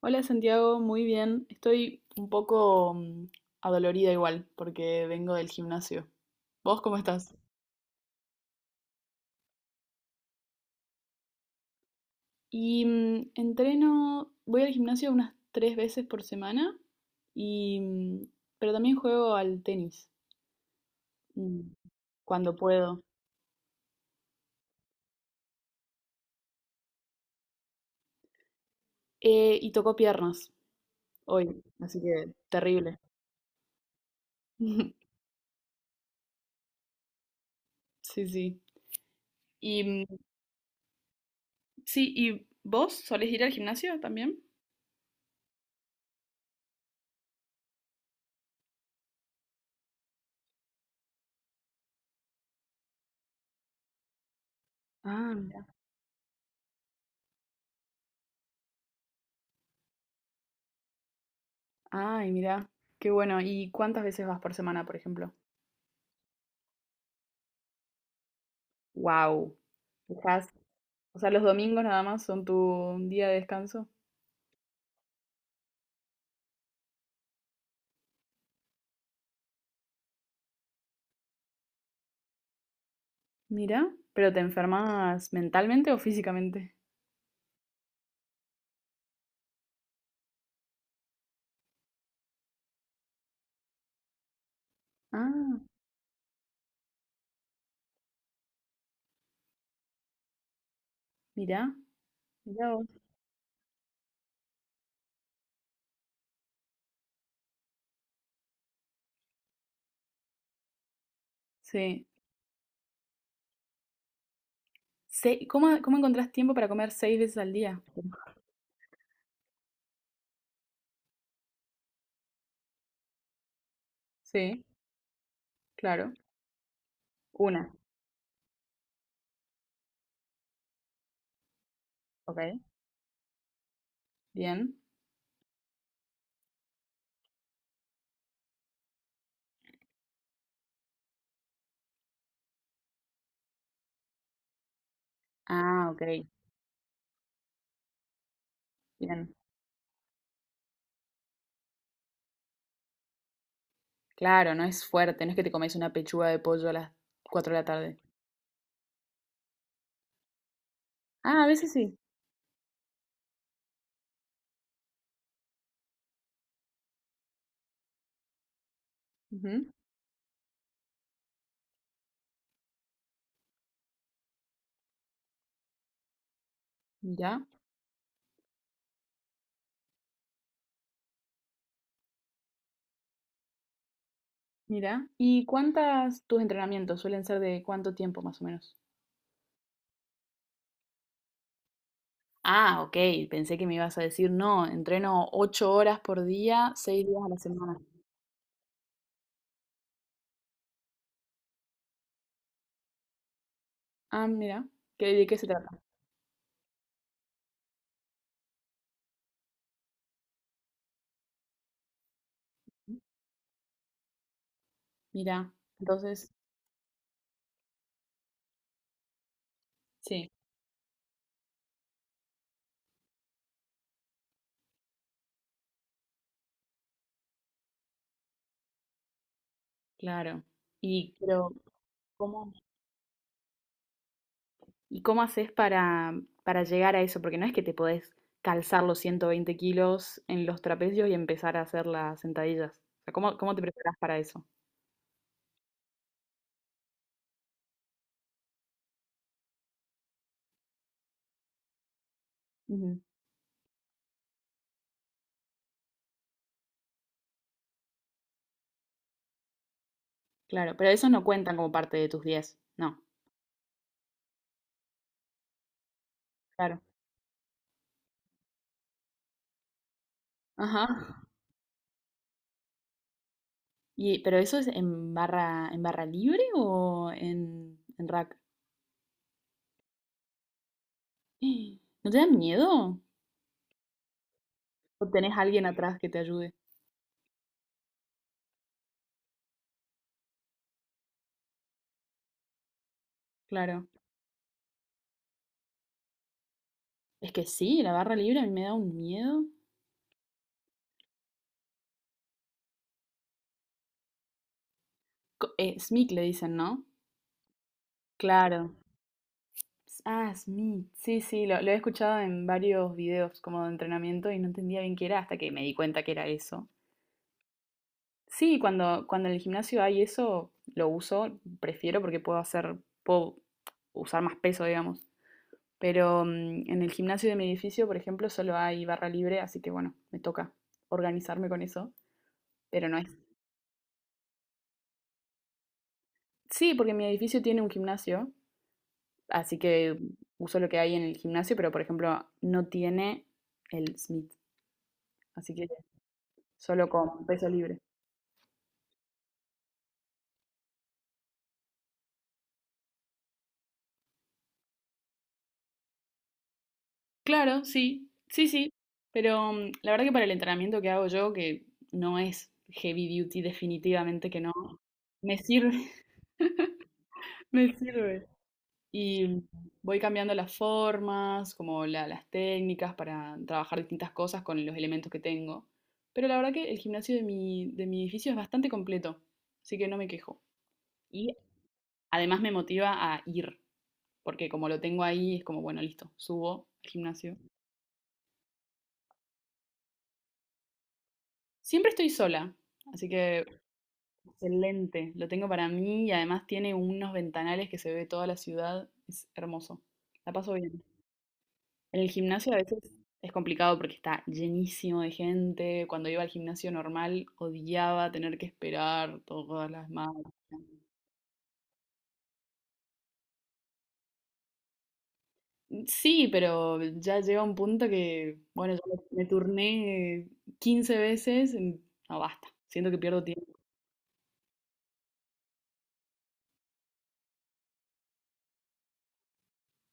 Hola Santiago, muy bien. Estoy un poco adolorida igual porque vengo del gimnasio. ¿Vos cómo estás? Entreno, voy al gimnasio unas tres veces por semana y mm, pero también juego al tenis, mm, cuando puedo. Y tocó piernas hoy, así que terrible. Sí, sí. Y mm, sí, ¿y vos solés ir al gimnasio también? Ah. Ay, mira, qué bueno. ¿Y cuántas veces vas por semana, por ejemplo? Wow. Dejas, o sea, los domingos nada más son tu día de descanso. Mira, pero te enfermas mentalmente o físicamente. Ah, mira, mira vos. Sí. Cómo encontrás tiempo para comer seis veces al día? Sí, claro. Una, ok. Bien. Ah, ok. Bien. Claro, no es fuerte, no es que te comes una pechuga de pollo a las 4 de la tarde. Ah, a veces sí. Ujú. Ya. Mira, ¿y cuántas tus entrenamientos suelen ser de cuánto tiempo más o menos? Ah, ok, pensé que me ibas a decir, no, entreno 8 horas por día, 6 días a la semana. Ah, mira, de qué se trata? Mira, entonces, sí, claro. Y pero, ¿cómo, y cómo haces para llegar a eso? Porque no es que te podés calzar los 120 kilos en los trapecios y empezar a hacer las sentadillas. O sea, cómo te preparás para eso? Ujú. Claro, pero esos no cuentan como parte de tus 10, no. Claro. Ajá. Y, pero eso es en barra libre o en rack. ¡Eh! ¿No te da miedo? ¿O tenés alguien atrás que te ayude? Claro. Es que sí, la barra libre a mí me da un miedo. SMIC le dicen, ¿no? Claro. Ah, SMIC. Sí, sí, lo he escuchado en varios videos como de entrenamiento y no entendía bien qué era hasta que me di cuenta que era eso. Sí, cuando en el gimnasio hay eso, lo uso, prefiero porque puedo puedo usar más peso, digamos. Pero en el gimnasio de mi edificio, por ejemplo, solo hay barra libre, así que bueno, me toca organizarme con eso. Pero no es. Sí, porque mi edificio tiene un gimnasio, así que uso lo que hay en el gimnasio, pero por ejemplo, no tiene el Smith, así que solo con peso libre. Claro, sí, sí, sí. Pero la verdad que para el entrenamiento que hago yo, que no es heavy duty, definitivamente que no, me sirve, me sirve. Y voy cambiando las formas, como las técnicas para trabajar distintas cosas con los elementos que tengo. Pero la verdad que el gimnasio de mi edificio es bastante completo, así que no me quejo. Y además me motiva a ir, porque como lo tengo ahí, es como, bueno, listo, subo al gimnasio. Siempre estoy sola, así que excelente, lo tengo para mí y además tiene unos ventanales que se ve toda la ciudad, es hermoso. La paso bien. En el gimnasio a veces es complicado porque está llenísimo de gente. Cuando iba al gimnasio normal odiaba tener que esperar todas las máquinas. Sí, pero ya llega un punto que, bueno, yo me turné 15 veces, no basta, siento que pierdo tiempo,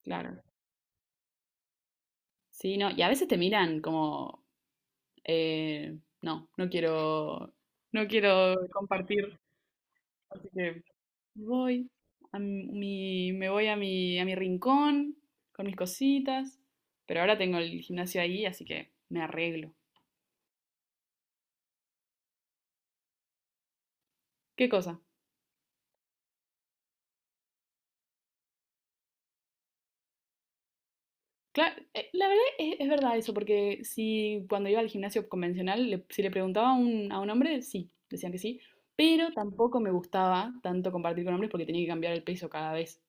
claro. Sí, no, y a veces te miran como, no, no quiero compartir. Así que voy me voy a mi rincón con mis cositas, pero ahora tengo el gimnasio ahí, así que me arreglo. ¿Qué cosa? Claro, la verdad es verdad eso, porque si cuando iba al gimnasio convencional, si le preguntaba a a un hombre, sí, decían que sí, pero tampoco me gustaba tanto compartir con hombres porque tenía que cambiar el peso cada vez.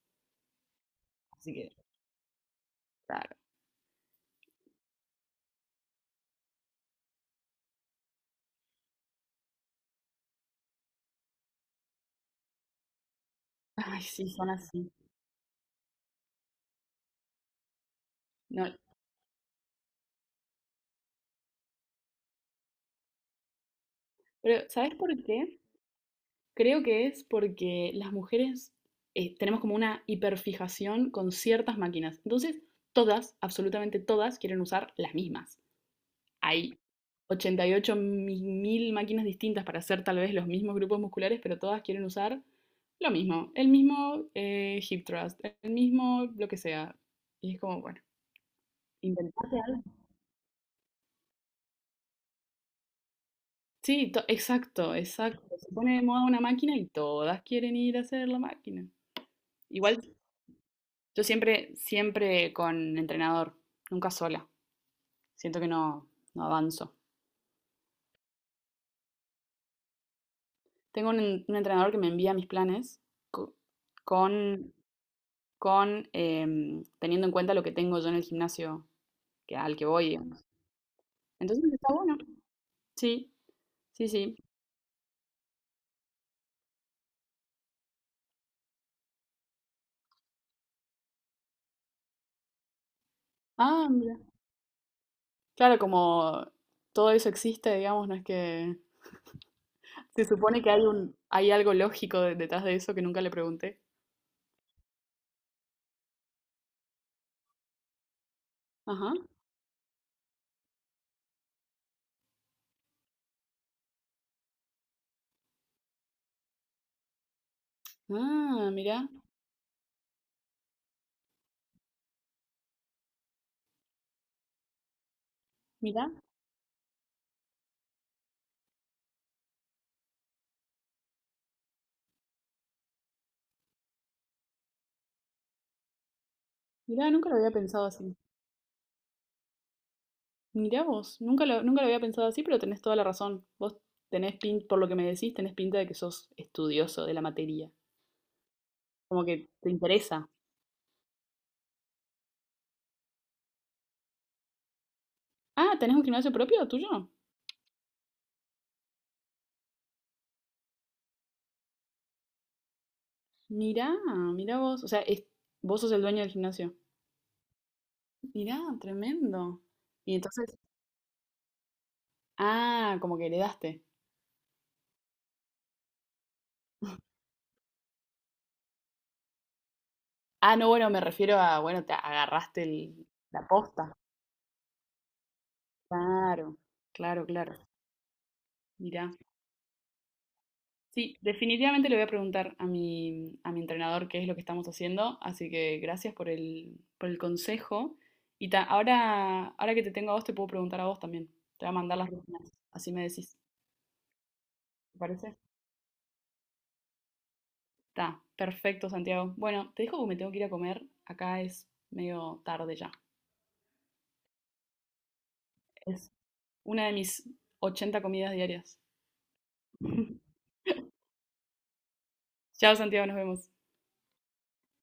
Así que, claro. Ay, sí, son así. No, pero ¿sabes por qué? Creo que es porque las mujeres tenemos como una hiperfijación con ciertas máquinas. Entonces, todas, absolutamente todas, quieren usar las mismas. Hay 88 mil máquinas distintas para hacer tal vez los mismos grupos musculares, pero todas quieren usar lo mismo, el mismo hip thrust, el mismo lo que sea. Y es como, bueno, inventarse algo. Sí, exacto, exacto. Se pone de moda una máquina y todas quieren ir a hacer la máquina. Igual, yo siempre, siempre con entrenador, nunca sola. Siento que no avanzo. Tengo un entrenador que me envía mis planes co- con, teniendo en cuenta lo que tengo yo en el gimnasio al que voy, digamos. Entonces está bueno. Sí, sí, sí. Ah, mira. Claro, como todo eso existe, digamos, no es que se supone que hay hay algo lógico detrás de eso que nunca le pregunté. Ajá. Ah, mira, mira, mira, nunca lo había pensado así. Mirá vos, nunca lo había pensado así, pero tenés toda la razón. Vos tenés pinta, por lo que me decís, tenés pinta de que sos estudioso de la materia. Como que te interesa. Ah, ¿tenés un gimnasio propio tuyo? Mirá, mirá vos. O sea, vos sos el dueño del gimnasio. Mirá, tremendo. Y entonces, como que heredaste. Ah, no, bueno, me refiero a, bueno, te agarraste la posta. Claro, claro, claro. Mirá. Sí, definitivamente le voy a preguntar a mi entrenador qué es lo que estamos haciendo, así que gracias por el consejo. Y ahora que te tengo a vos, te puedo preguntar a vos también. Te voy a mandar las rutinas, así me decís, ¿te parece? Está perfecto, Santiago. Bueno, te dejo porque me tengo que ir a comer, acá es medio tarde ya. Es una de mis 80 comidas diarias. Chao, Santiago, nos vemos.